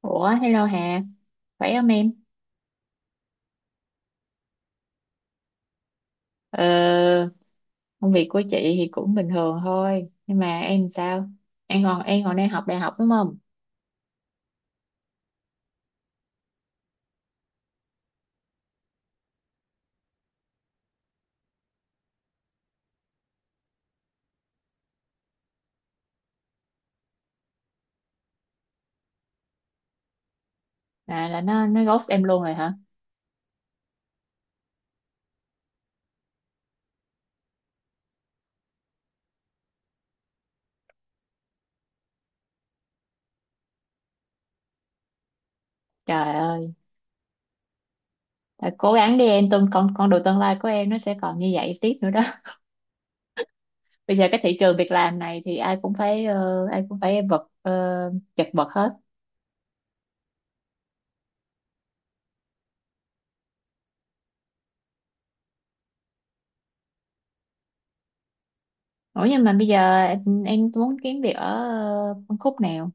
Ủa, hello Hà, khỏe không em? Ờ, công việc của chị thì cũng bình thường thôi, nhưng mà em sao? Em còn đang học đại học đúng không? À, là nó ghost em luôn rồi hả? Trời ơi, phải cố gắng đi em, tương con đường tương lai của em nó sẽ còn như vậy tiếp nữa đó. Bây giờ cái thị trường việc làm này thì ai cũng phải ờ, ai cũng phải vật ờ, chật vật hết. Ủa, nhưng mà bây giờ em muốn kiếm việc ở phân khúc nào?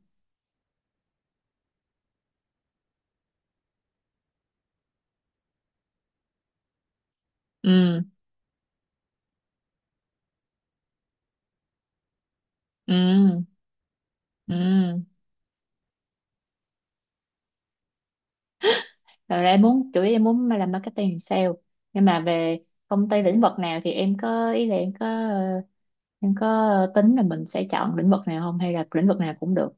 Ừ. Ừ. Ừ. Rồi em muốn chủ yếu em muốn làm marketing sale, nhưng mà về công ty lĩnh vực nào thì em có ý là em có tính là mình sẽ chọn lĩnh vực nào không hay là lĩnh vực nào cũng được.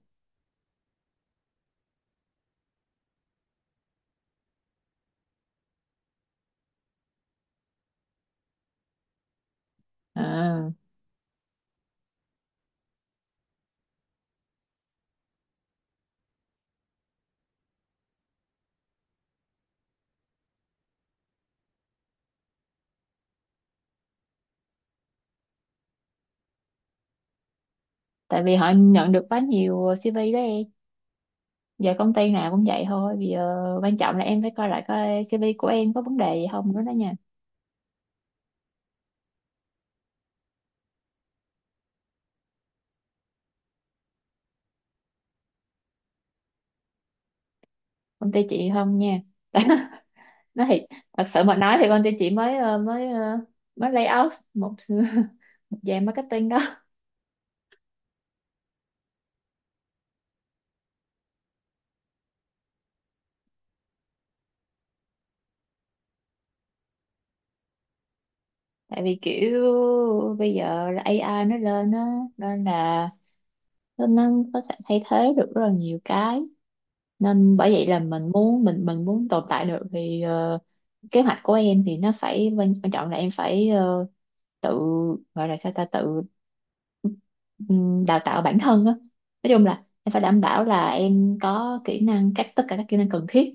À, tại vì họ nhận được quá nhiều CV đó em. Giờ công ty nào cũng vậy thôi, bây giờ quan trọng là em phải coi lại coi CV của em có vấn đề gì không nữa đó nha. Công ty chị không nha. Nói thiệt, thật sự mà nói thì công ty chị mới lay off một một dàn marketing đó. Tại vì kiểu bây giờ là AI nó lên á, nên là nó có thể thay thế được rất là nhiều cái, nên bởi vậy là mình muốn tồn tại được thì ờ, kế hoạch của em thì nó phải, quan quan trọng là em phải tự, gọi là sao ta, tự đào tạo bản thân á. Nói chung là em phải đảm bảo là em có kỹ năng, các tất cả các kỹ năng cần thiết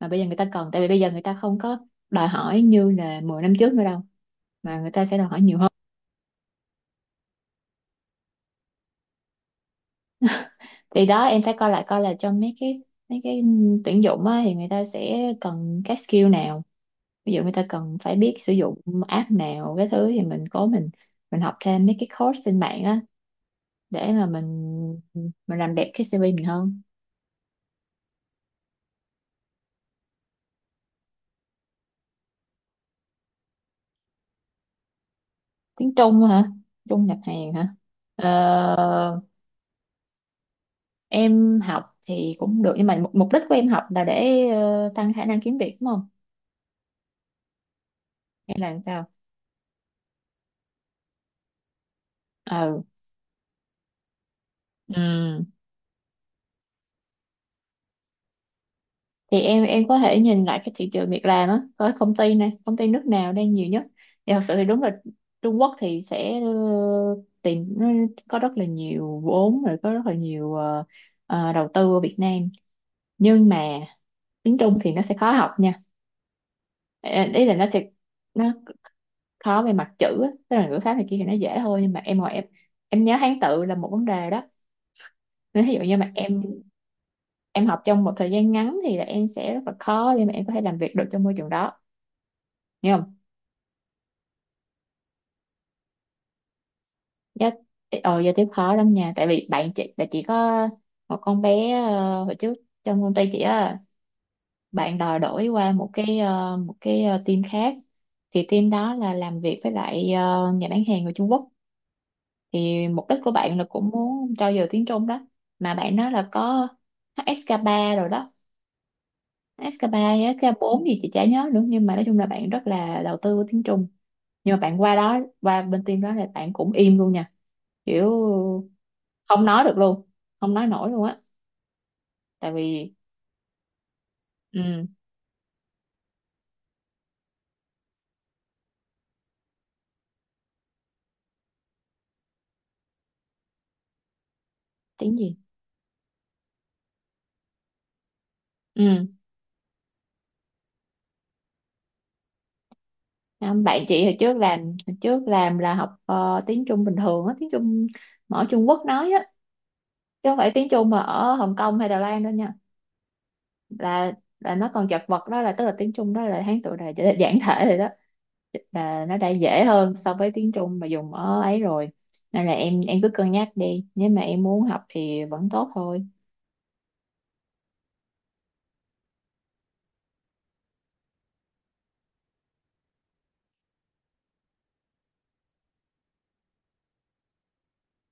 mà bây giờ người ta cần, tại vì bây giờ người ta không có đòi hỏi như là 10 năm trước nữa đâu, mà người ta sẽ đòi hỏi nhiều hơn. Thì đó, em phải coi lại coi là trong mấy cái tuyển dụng á, thì người ta sẽ cần các skill nào. Ví dụ người ta cần phải biết sử dụng app nào cái thứ, thì mình cố mình học thêm mấy cái course trên mạng á để mà mình làm đẹp cái CV mình hơn. Tiếng Trung hả? Trung nhập hàng hả? Ờ, em học thì cũng được, nhưng mà mục đích của em học là để tăng khả năng kiếm việc đúng không, hay là sao? Ừ. Ừ. Thì em có thể nhìn lại cái thị trường việc làm á, có công ty này công ty nước nào đang nhiều nhất. Thì thật sự thì đúng là Trung Quốc thì sẽ ờ, tìm, nó có rất là nhiều vốn, rồi có rất là nhiều đầu tư ở Việt Nam, nhưng mà tiếng Trung thì nó sẽ khó học nha. Ờ, ý là nó khó về mặt chữ á. Tức là ngữ pháp này kia thì nó dễ thôi, nhưng mà em ngồi, em nhớ Hán tự là một vấn đề đó. Nếu ví dụ như mà em học trong một thời gian ngắn thì là em sẽ rất là khó, nhưng mà em có thể làm việc được trong môi trường đó. Nhưng mà dạ, ờ, giờ tiếp khó lắm nha, tại vì bạn chị là chỉ có một con bé ờ, hồi trước trong công ty chị á, bạn đòi đổi qua một cái team khác. Thì team đó là làm việc với lại ờ, nhà bán hàng người Trung Quốc, thì mục đích của bạn là cũng muốn trau dồi tiếng Trung đó. Mà bạn nói là có HSK3 rồi đó, HSK3 với HSK4 gì chị chả nhớ nữa, nhưng mà nói chung là bạn rất là đầu tư vào tiếng Trung. Nhưng mà bạn qua đó, qua bên team đó là bạn cũng im luôn nha, kiểu không nói được luôn, không nói nổi luôn á, tại vì ừ, tiếng gì. Ừ. Không, bạn chị hồi trước làm, hồi trước làm là học ờ, tiếng Trung bình thường á, tiếng Trung mà ở Trung Quốc nói á, chứ không phải tiếng Trung mà ở Hồng Kông hay Đài Loan đâu nha. là là nó còn chật vật đó, là tức là tiếng Trung đó là Hán tự đài giản thể rồi đó, là nó đã dễ hơn so với tiếng Trung mà dùng ở ấy rồi. Nên là em cứ cân nhắc đi, nếu mà em muốn học thì vẫn tốt thôi.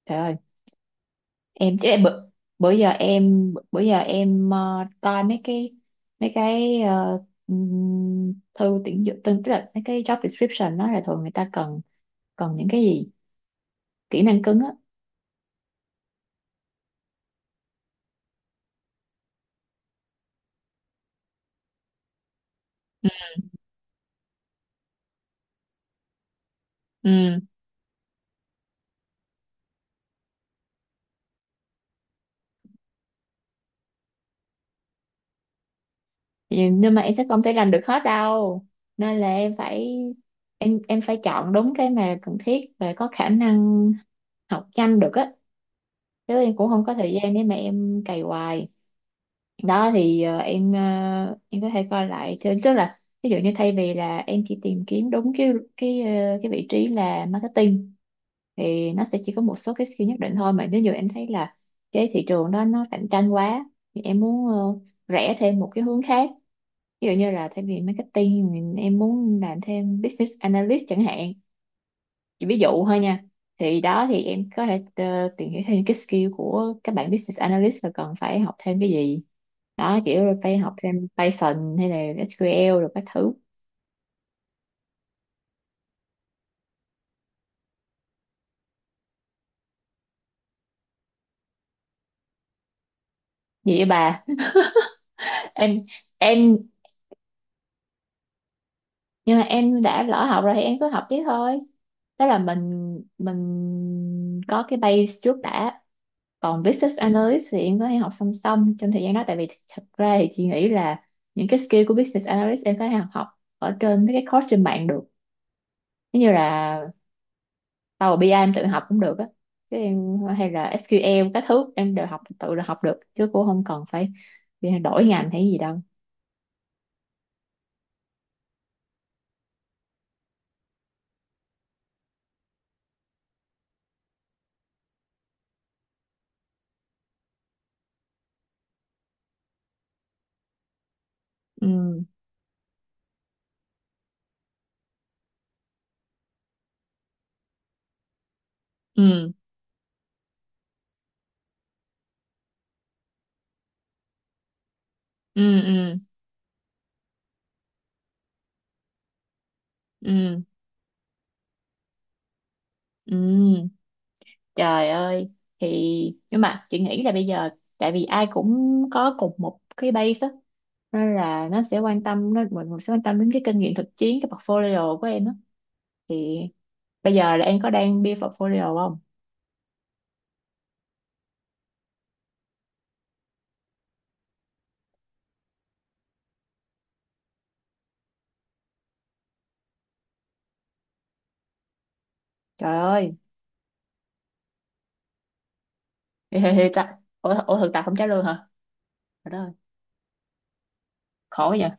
Trời ơi, em chứ em bữa, bữa giờ em coi mấy cái, mấy cái thư tuyển dụng, tức tức là mấy cái job description đó là thường người ta cần cần những cái gì, kỹ năng cứng á. Ừ. Ừ. Vậy, nhưng mà em sẽ không thể làm được hết đâu, nên là em phải, em phải chọn đúng cái mà cần thiết và có khả năng học nhanh được á, chứ em cũng không có thời gian để mà em cày hoài đó. Thì em có thể coi lại tức là, ví dụ như thay vì là em chỉ tìm kiếm đúng cái vị trí là marketing, thì nó sẽ chỉ có một số cái skill nhất định thôi, mà nếu như em thấy là cái thị trường đó nó cạnh tranh quá, thì em muốn rẽ thêm một cái hướng khác, ví dụ như là thay vì marketing thì em muốn làm thêm business analyst chẳng hạn, chỉ ví dụ thôi nha. Thì đó, thì em có thể tìm hiểu thêm cái skill của các bạn business analyst là cần phải học thêm cái gì đó kiểu, rồi phải học thêm Python hay là SQL rồi các thứ. Gì vậy bà? em em nhưng mà em đã lỡ học rồi thì em cứ học tiếp thôi. Đó là mình có cái base trước đã. Còn business analyst thì em có thể học song song trong thời gian đó, tại vì thật ra thì chị nghĩ là những cái skill của business analyst em có thể học học ở trên mấy cái course trên mạng được. Giống như là tao Power BI em tự học cũng được á, chứ em hay là SQL các thứ em đều học tự là học được, chứ cũng không cần phải đi đổi ngành hay gì đâu. Ừ. Ừ. Ừ. Ừ. Ừ. Ừ. Trời ơi. Thì nhưng mà chị nghĩ là bây giờ, tại vì ai cũng có cùng một cái base á, nên là nó sẽ quan tâm, nó, mọi người sẽ quan tâm đến cái kinh nghiệm thực chiến, cái portfolio của em á. Thì bây giờ là em có đang build portfolio không? Trời ơi. Ủa, ủa, thực tập không trả lương hả? Trời đất ơi. Khổ vậy.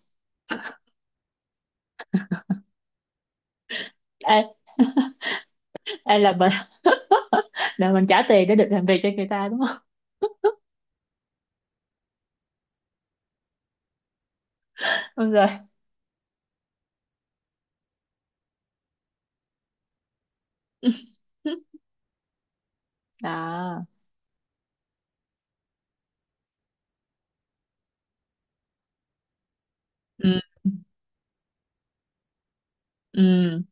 Ai, ai là mình, là mình trả tiền để được làm việc cho người ta đúng không? Đúng rồi. À. Ừ. Ừ.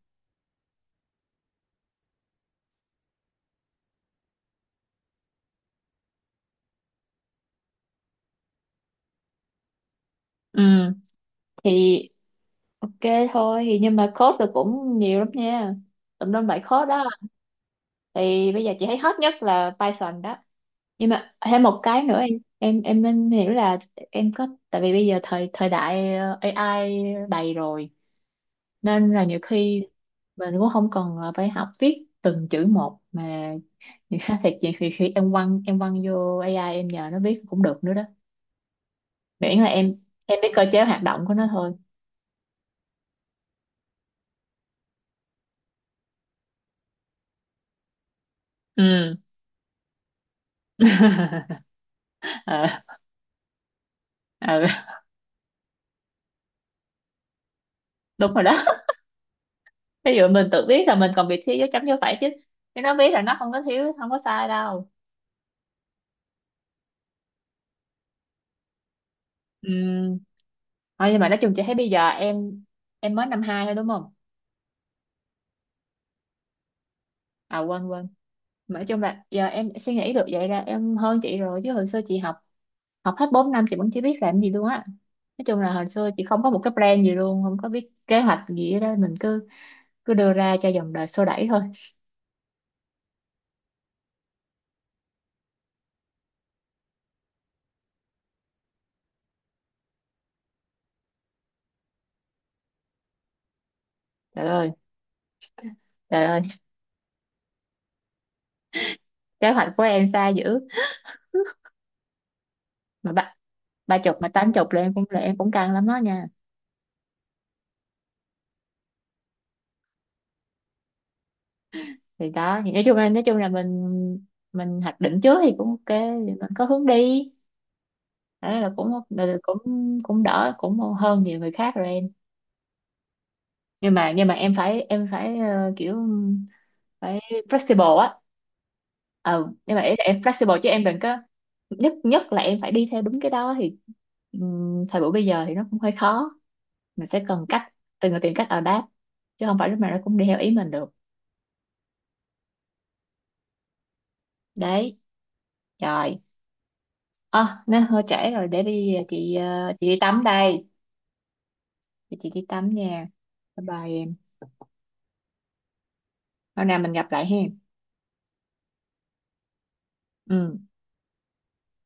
Ừ. Thì ok, thôi thì, nhưng mà code thì cũng nhiều lắm nha, tùm lum bài code đó. Thì bây giờ chị thấy hot nhất là Python đó. Nhưng mà thêm một cái nữa, em nên hiểu là em có, tại vì bây giờ thời thời đại AI đầy rồi, nên là nhiều khi mình cũng không cần là phải học viết từng chữ một mà. Thì khác thiệt, chị thì khi em quăng vô AI, em nhờ nó viết cũng được nữa đó, miễn là em biết cơ chế hoạt động của nó thôi. Ừ. Ờ. Ờ, đúng rồi đó. Ví dụ mình tự biết là mình còn bị thiếu dấu chấm, dấu phẩy, chứ chứ nó biết là nó không có thiếu, không có sai đâu. Ừ. Thôi, nhưng mà nói chung chị thấy bây giờ em mới năm hai thôi đúng không? À, quên quên. Mà nói chung là giờ em suy nghĩ được vậy là em hơn chị rồi, chứ hồi xưa chị học, học hết 4 năm chị vẫn chưa biết làm gì luôn á. Nói chung là hồi xưa chị không có một cái plan gì luôn, không có biết kế hoạch gì hết đó, mình cứ cứ đưa ra cho dòng đời xô đẩy thôi. Trời ơi. Trời ơi, kế hoạch của em xa dữ. Mà ba ba chục mà tám chục là em cũng, là em cũng căng lắm đó nha. Thì đó, thì nói chung là, nói chung là mình hoạch định trước thì cũng ok, thì mình có hướng đi, đó là cũng cũng đỡ, cũng hơn nhiều người khác rồi em. Nhưng mà, nhưng mà em phải, em phải kiểu phải flexible á. Ừ, nhưng mà ý là em flexible chứ em đừng có nhất, nhất là em phải đi theo đúng cái đó, thì thời buổi bây giờ thì nó cũng hơi khó, mình sẽ cần cách từng người tìm cách adapt, chứ không phải lúc nào nó cũng đi theo ý mình được. Đấy. Rồi. À, nó hơi trễ rồi, để đi chị, chị đi tắm đây. Để chị đi tắm nha. Bye bye em. Hôm nào mình gặp lại hen. Ừ.